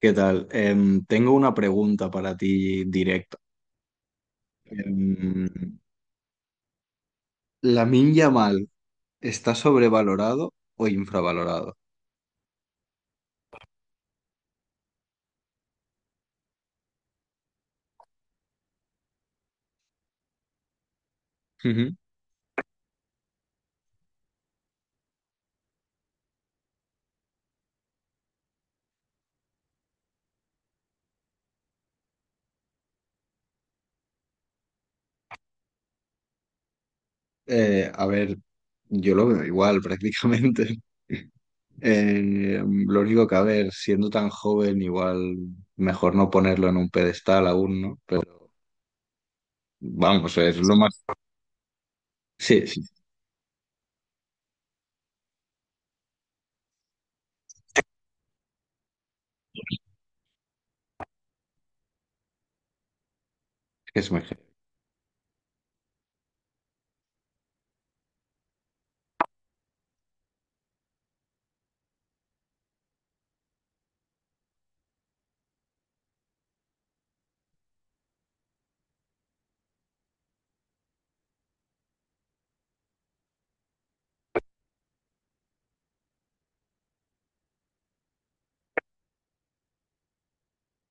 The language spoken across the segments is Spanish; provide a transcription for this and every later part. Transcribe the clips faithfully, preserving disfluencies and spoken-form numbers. ¿Qué tal? Em, tengo una pregunta para ti directa. Em, ¿La ¿Lamine Yamal está sobrevalorado o infravalorado? Ujú. Eh, a ver, yo lo veo igual prácticamente. Eh, lo único que, a ver, siendo tan joven, igual mejor no ponerlo en un pedestal aún, ¿no? Pero vamos, es lo más. Sí, sí, es mejor.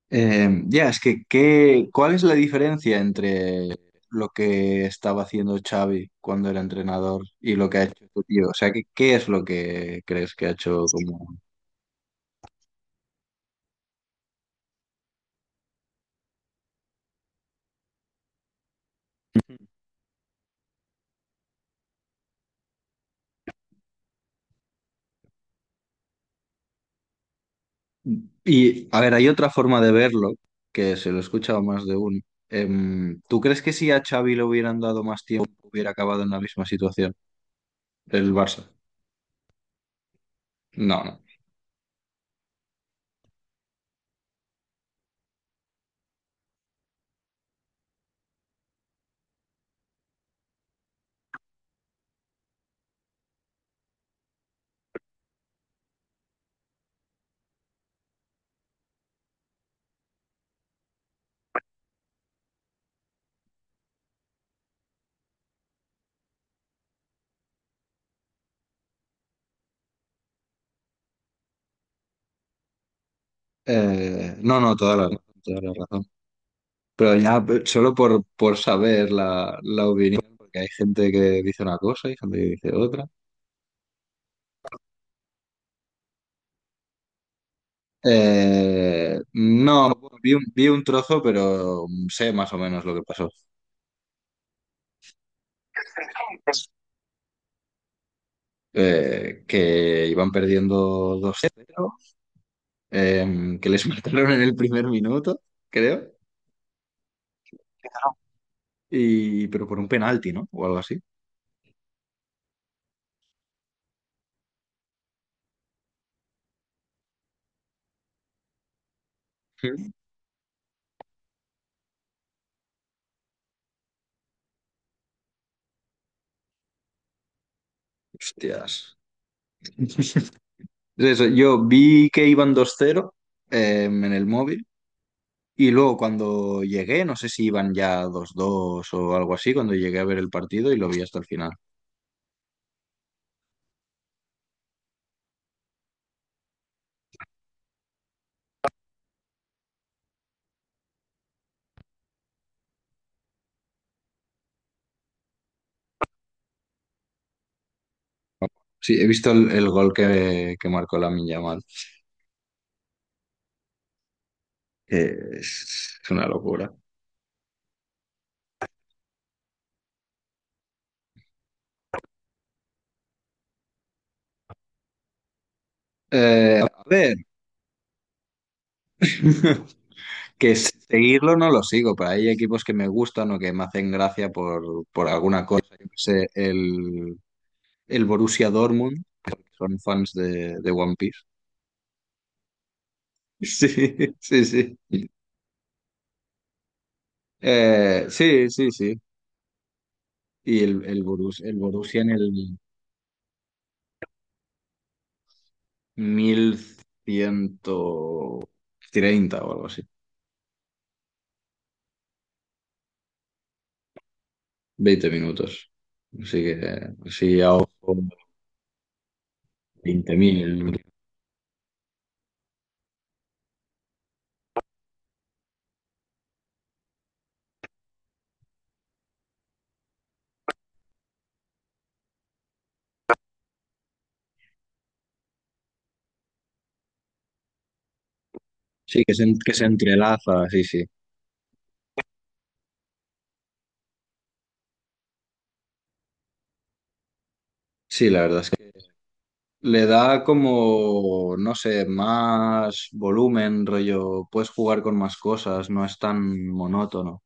Eh, ya, es que, ¿qué, cuál es la diferencia entre lo que estaba haciendo Xavi cuando era entrenador y lo que ha hecho tu tío? O sea, ¿qué, qué es lo que crees que ha hecho como. Y, a ver, hay otra forma de verlo, que se lo he escuchado más de uno. Em, ¿tú crees que si a Xavi le hubieran dado más tiempo hubiera acabado en la misma situación el Barça? No, no. Eh, no, no, toda la, toda la razón. Pero ya pe- solo por, por saber la, la opinión, porque hay gente que dice una cosa y gente que dice otra. Eh, no, bueno, vi un, vi un trozo, pero sé más o menos lo que pasó. Eh, que iban perdiendo dos cero eh, que les mataron en el primer minuto, creo, y, pero por un penalti, ¿no? O algo así. Sí. Hostias. Eso, yo vi que iban dos cero eh, en el móvil. Y luego cuando llegué, no sé si iban ya dos dos o algo así, cuando llegué a ver el partido y lo vi hasta el final. Sí, he visto el, el gol que, que marcó Lamine Yamal, que es una locura. Eh, a ver, que seguirlo no lo sigo, pero hay equipos que me gustan o que me hacen gracia por, por alguna cosa. Yo qué sé, el, el Borussia Dortmund, son fans de, de One Piece. Sí, sí, sí. Eh, sí, sí, sí. Y el, el Borus- el Borussia en el mil ciento treinta o algo así. Veinte minutos. Así que, así a ojo, veinte mil. Sí, que se, en- que se entrelaza, sí, sí. Sí, la verdad es que le da como, no sé, más volumen, rollo, puedes jugar con más cosas, no es tan monótono.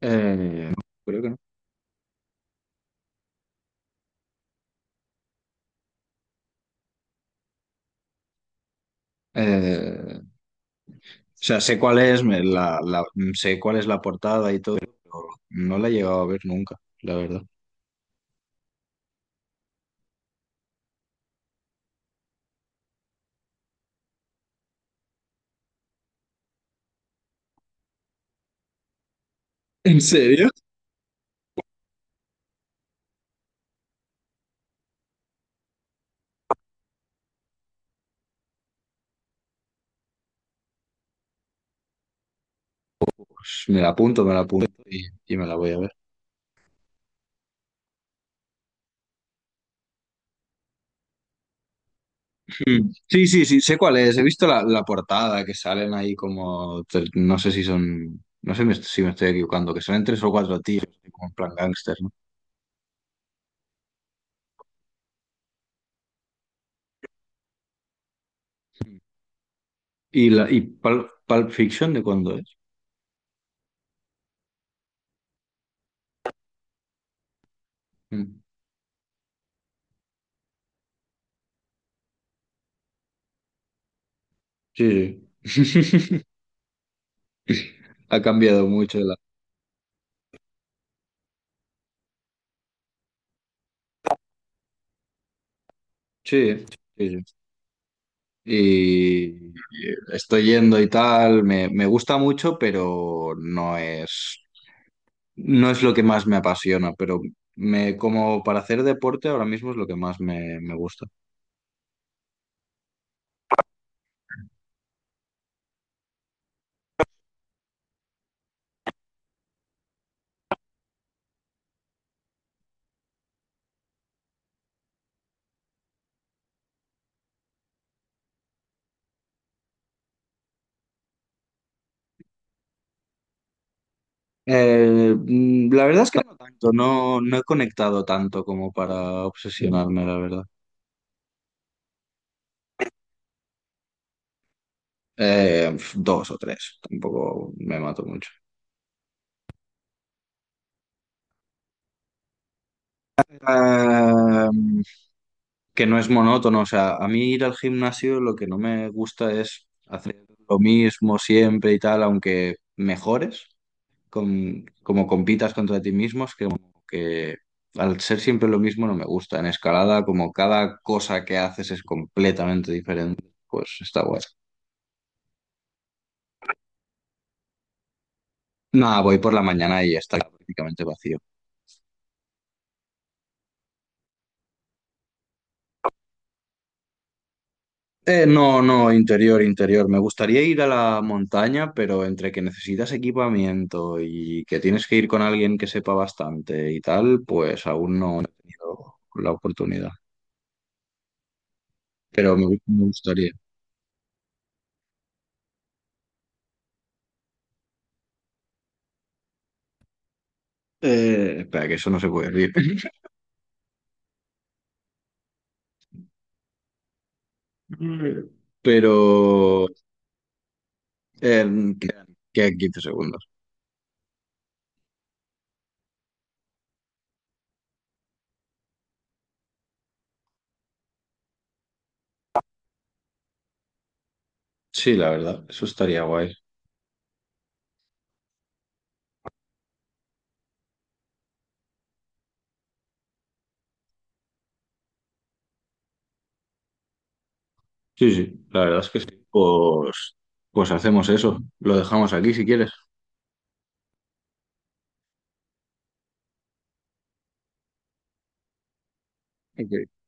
Eh, no, creo que no. Eh, o sea, sé cuál es, me- la, la- sé cuál es la portada y todo, pero no la he llegado a ver nunca, la verdad. ¿En serio? Pues me la apunto, me la apunto y, y, me la voy a ver. Mm. Sí, sí, sí, sé cuál es. He visto la, la portada que salen ahí como, tre- no sé si son, no sé me- si me estoy equivocando, que salen tres o cuatro tíos, como en plan gángster, ¿no? Mm. ¿Y, la, y Pul- Pulp Fiction de cuándo es? Mm. Sí, sí. Ha cambiado mucho la. Sí, sí, sí. Y y estoy yendo y tal, me, me gusta mucho, pero no es. No es lo que más me apasiona, pero me, como para hacer deporte ahora mismo es lo que más me, me gusta. Eh, mm, la verdad es que no tanto, no, no he conectado tanto como para obsesionarme, la verdad. Eh, pf, dos o tres, tampoco me mato mucho. Eh, que no es monótono, o sea, a mí ir al gimnasio lo que no me gusta es hacer lo mismo siempre y tal, aunque mejores. Con- como compitas contra ti mismo, es que, como que al ser siempre lo mismo no me gusta. En escalada, como cada cosa que haces es completamente diferente, pues está guay. Nada, voy por la mañana y está prácticamente vacío. Eh, no, no, interior, interior. Me gustaría ir a la montaña, pero entre que necesitas equipamiento y que tienes que ir con alguien que sepa bastante y tal, pues aún no he tenido la oportunidad. Pero me, me gustaría. Eh, espera, que eso no se puede decir. Mm. Pero em, quedan, quedan 15 segundos. Sí, la verdad, eso estaría guay. Sí, sí, la verdad es que sí. Pues, pues hacemos eso. Lo dejamos aquí si quieres. Ok.